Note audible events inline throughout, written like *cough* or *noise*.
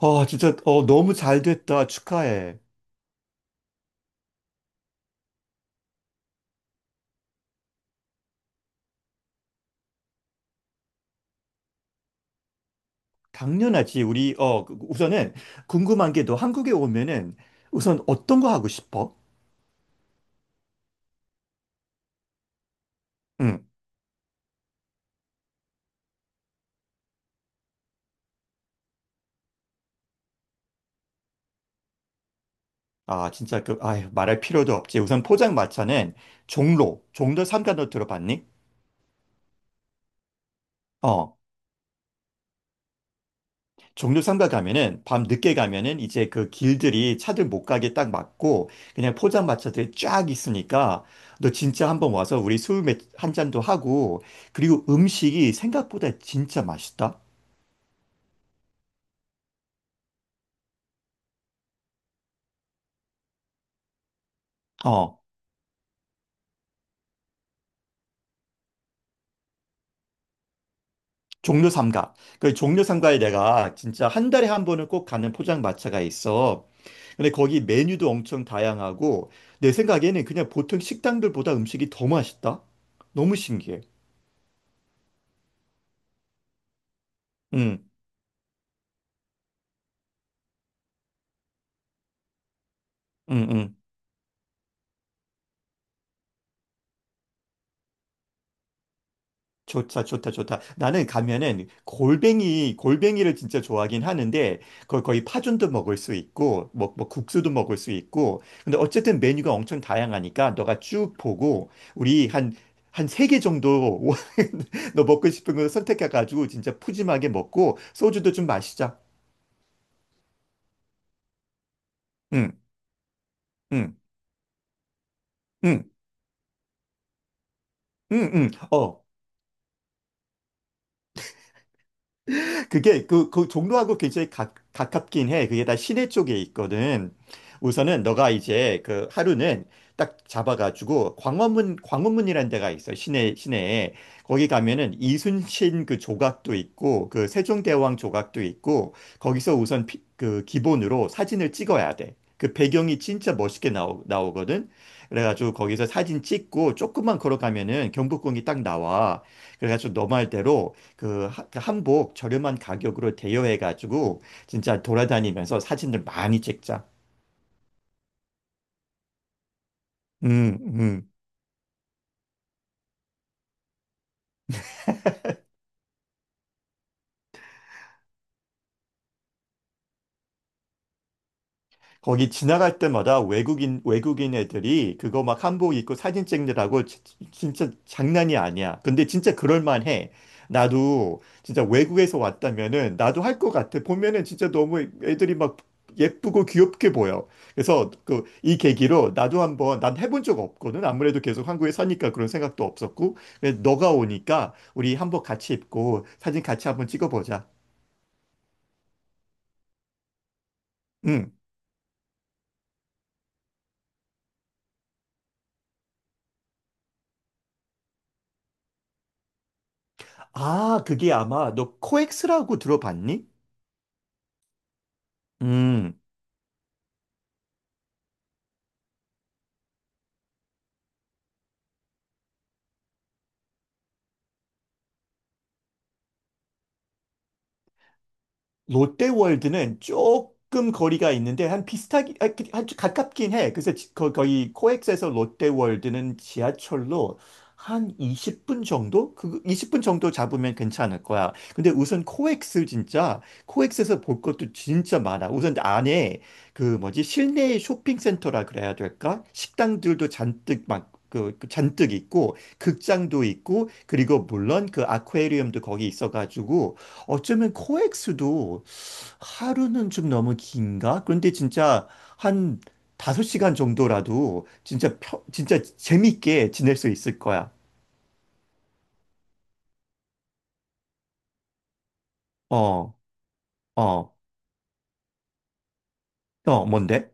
아, 진짜, 너무 잘 됐다. 축하해. 당연하지. 우리, 우선은 궁금한 게 너 한국에 오면은 우선 어떤 거 하고 싶어? 응. 아, 진짜 그, 아 말할 필요도 없지. 우선 포장마차는 종로 삼가 너 들어봤니? 어, 종로 삼가 가면은 밤 늦게 가면은 이제 그 길들이 차들 못 가게 딱 막고 그냥 포장마차들이 쫙 있으니까 너 진짜 한번 와서 우리 술 한 잔도 하고, 그리고 음식이 생각보다 진짜 맛있다. 어. 종묘 삼가. 그 종묘 삼가에 내가 진짜 한 달에 한 번은 꼭 가는 포장마차가 있어. 근데 거기 메뉴도 엄청 다양하고, 내 생각에는 그냥 보통 식당들보다 음식이 더 맛있다. 너무 신기해. 응, 응, 응. 좋다, 좋다, 좋다. 나는 가면은 골뱅이를 진짜 좋아하긴 하는데, 거의 파전도 먹을 수 있고, 뭐 국수도 먹을 수 있고. 근데 어쨌든 메뉴가 엄청 다양하니까 너가 쭉 보고 우리 한 세 개 정도 너 먹고 싶은 거 선택해가지고 진짜 푸짐하게 먹고 소주도 좀 마시자. 응, 응, 응, 응, 응. 어. 그게 그 종로하고 굉장히 가깝긴 해. 그게 다 시내 쪽에 있거든. 우선은 너가 이제 그 하루는 딱 잡아가지고 광화문이라는 데가 있어. 시내에 거기 가면은 이순신 그 조각도 있고 그 세종대왕 조각도 있고, 거기서 우선 그 기본으로 사진을 찍어야 돼. 그 배경이 진짜 멋있게 나오거든. 그래가지고 거기서 사진 찍고 조금만 걸어가면은 경복궁이 딱 나와. 그래가지고 너 말대로 그 한복 저렴한 가격으로 대여해 가지고 진짜 돌아다니면서 사진을 많이 찍자. 음, 음. 거기 지나갈 때마다 외국인 애들이 그거 막 한복 입고 사진 찍느라고 진짜 장난이 아니야. 근데 진짜 그럴만해. 나도 진짜 외국에서 왔다면은 나도 할 것 같아. 보면은 진짜 너무 애들이 막 예쁘고 귀엽게 보여. 그래서 그, 이 계기로 나도 한번 난 해본 적 없거든. 아무래도 계속 한국에 사니까 그런 생각도 없었고. 근데 너가 오니까 우리 한복 같이 입고 사진 같이 한번 찍어보자. 응. 아, 그게 아마 너 코엑스라고 들어봤니? 음, 롯데월드는 조금 거리가 있는데 한 비슷하게 아주 가깝긴 해. 그래서 거, 거의 코엑스에서 롯데월드는 지하철로 한 20분 정도? 그 20분 정도 잡으면 괜찮을 거야. 근데 우선 코엑스 진짜 코엑스에서 볼 것도 진짜 많아. 우선 안에 그 뭐지, 실내 쇼핑센터라 그래야 될까? 식당들도 잔뜩 막 그 잔뜩 있고 극장도 있고, 그리고 물론 그 아쿠아리움도 거기 있어가지고 어쩌면 코엑스도 하루는 좀 너무 긴가? 그런데 진짜 한 5시간 정도라도 진짜 진짜 재밌게 지낼 수 있을 거야. 어, 어, 어, 뭔데?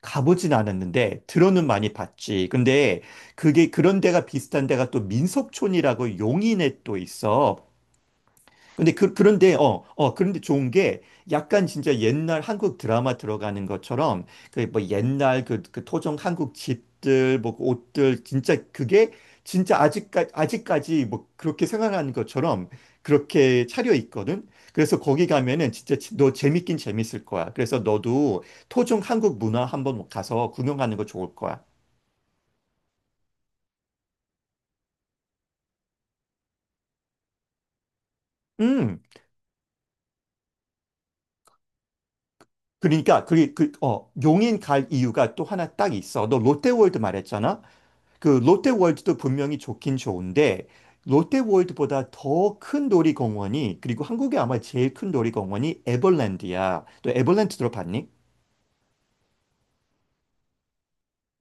가보진 않았는데 들어는 많이 봤지. 근데 그게 그런 데가 비슷한 데가 또 민속촌이라고 용인에 또 있어. 근데 그런데 좋은 게 약간 진짜 옛날 한국 드라마 들어가는 것처럼 그 뭐 옛날 그 토종 한국 집들, 뭐그 옷들, 진짜 그게 진짜 아직까지 뭐 그렇게 생활하는 것처럼 그렇게 차려 있거든. 그래서 거기 가면은 진짜 너 재밌긴 재밌을 거야. 그래서 너도 토종 한국 문화 한번 가서 구경하는 거 좋을 거야. 음. 그러니까 용인 갈 이유가 또 하나 딱 있어. 너 롯데월드 말했잖아. 그 롯데월드도 분명히 좋긴 좋은데, 롯데월드보다 더 큰 놀이공원이, 그리고 한국에 아마 제일 큰 놀이공원이 에버랜드야. 또 에버랜드 들어봤니?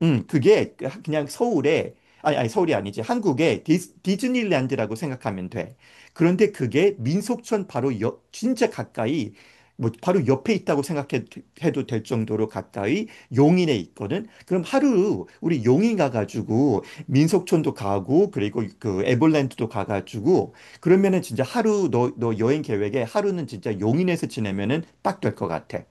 그게 그냥 서울에, 아니, 아니, 서울이 아니지. 한국의 디즈니랜드라고 생각하면 돼. 그런데 그게 민속촌 바로 옆, 진짜 가까이, 뭐, 바로 옆에 있다고 생각해도 될 정도로 가까이 용인에 있거든. 그럼 하루 우리 용인 가가지고 민속촌도 가고, 그리고 그 에버랜드도 가가지고, 그러면은 진짜 하루 너 여행 계획에 하루는 진짜 용인에서 지내면은 딱 될 것 같아.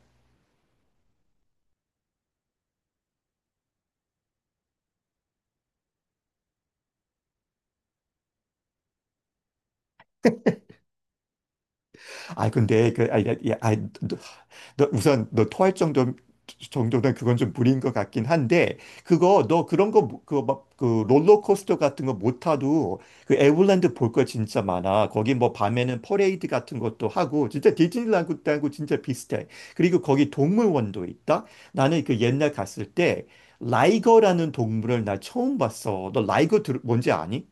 아, 근데, 그, 아니, 야, 아니, 너 우선 정도는 그건 좀 무리인 것 같긴 한데, 그거, 너 그런 거, 그, 막, 그, 롤러코스터 같은 거 못 타도, 그, 에버랜드 볼 거 진짜 많아. 거기 뭐, 밤에는 퍼레이드 같은 것도 하고, 진짜 디즈니랜드하고 진짜 비슷해. 그리고 거기 동물원도 있다? 나는 그 옛날 갔을 때, 라이거라는 동물을 나 처음 봤어. 너 라이거 뭔지 아니?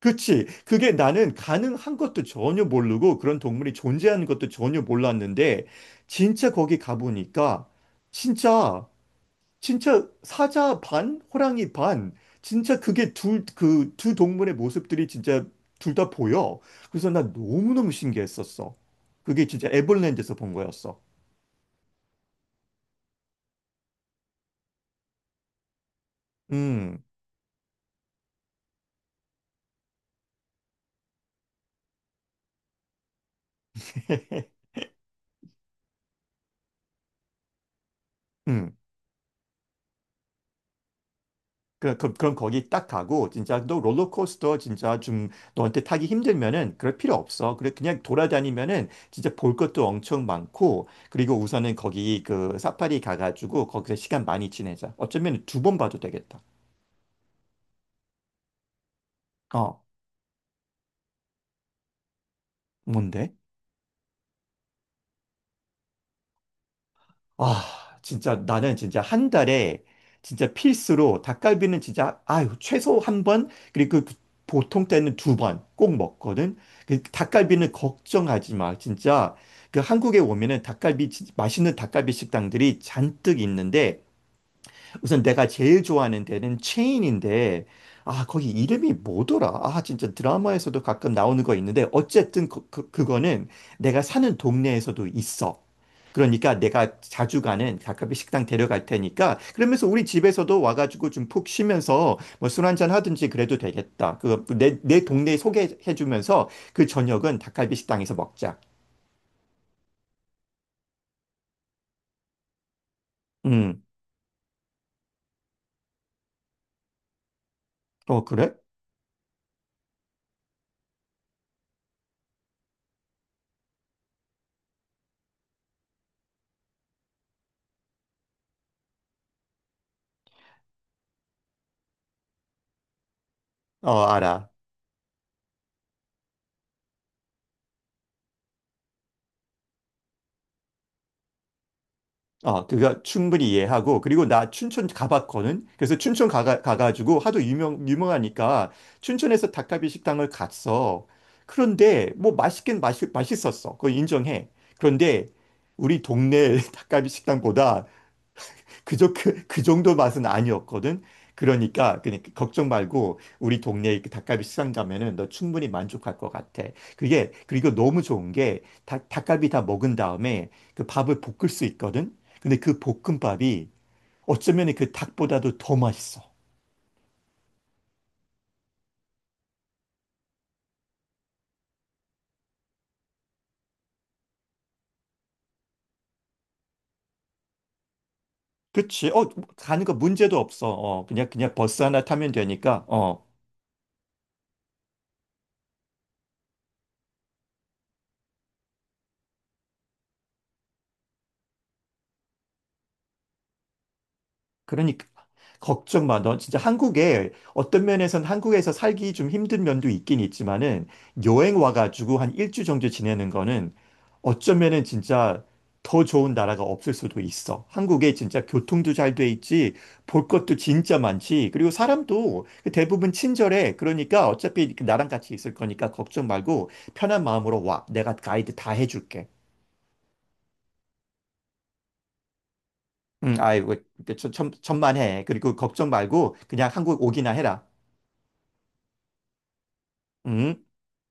그치. 그게 나는 가능한 것도 전혀 모르고 그런 동물이 존재하는 것도 전혀 몰랐는데 진짜 거기 가보니까 진짜, 진짜 사자 반, 호랑이 반, 진짜 그게 둘 그 두 동물의 모습들이 진짜 둘 다 보여. 그래서 나 너무너무 신기했었어. 그게 진짜 에버랜드에서 본 거였어. 음. 음. 그럼 거기 딱 가고 진짜 너 롤러코스터 진짜 좀 너한테 타기 힘들면은 그럴 필요 없어. 그래 그냥 돌아다니면은 진짜 볼 것도 엄청 많고, 그리고 우선은 거기 그 사파리 가가지고 거기서 시간 많이 지내자. 어쩌면 2번 봐도 되겠다. 어, 뭔데? 아, 진짜 나는 진짜 한 달에 진짜 필수로 닭갈비는 진짜 아유, 최소 1번, 그리고 그 보통 때는 2번 꼭 먹거든. 그 닭갈비는 걱정하지 마. 진짜 그 한국에 오면은 닭갈비 맛있는 닭갈비 식당들이 잔뜩 있는데, 우선 내가 제일 좋아하는 데는 체인인데, 아, 거기 이름이 뭐더라? 아, 진짜 드라마에서도 가끔 나오는 거 있는데, 어쨌든 그거는 내가 사는 동네에서도 있어. 그러니까 내가 자주 가는 가카비 식당 데려갈 테니까, 그러면서 우리 집에서도 와가지고 좀 푹 쉬면서 뭐 술 한잔 하든지 그래도 되겠다. 내 동네 소개해주면서 그 저녁은 닭갈비 식당에서 먹자. 음, 어, 그래? 어, 알아. 어, 그거 충분히 이해하고, 그리고 나 춘천 가봤거든? 그래서 춘천 가가지고 하도 유명하니까 춘천에서 닭갈비 식당을 갔어. 그런데 뭐 맛있긴 맛있었어. 그거 인정해. 그런데 우리 동네 *laughs* 닭갈비 식당보다 그저 그 정도 맛은 아니었거든. 그러니까 걱정 말고 우리 동네 그 닭갈비 시장 가면은 너 충분히 만족할 것 같아. 그게, 그리고 너무 좋은 게 닭갈비 다 먹은 다음에 그 밥을 볶을 수 있거든. 근데 그 볶음밥이 어쩌면 그 닭보다도 더 맛있어. 그치? 어, 가는 거 문제도 없어. 어, 그냥 버스 하나 타면 되니까. 어. 그러니까 걱정 마. 너 진짜 한국에 어떤 면에선 한국에서 살기 좀 힘든 면도 있긴 있지만은 여행 와가지고 한 일주 정도 지내는 거는 어쩌면은 진짜 더 좋은 나라가 없을 수도 있어. 한국에 진짜 교통도 잘 돼 있지, 볼 것도 진짜 많지. 그리고 사람도 그 대부분 친절해. 그러니까 어차피 나랑 같이 있을 거니까 걱정 말고 편한 마음으로 와. 내가 가이드 다 해줄게. 응, 아이고, 천만해. 그리고 걱정 말고 그냥 한국 오기나 해라. 응?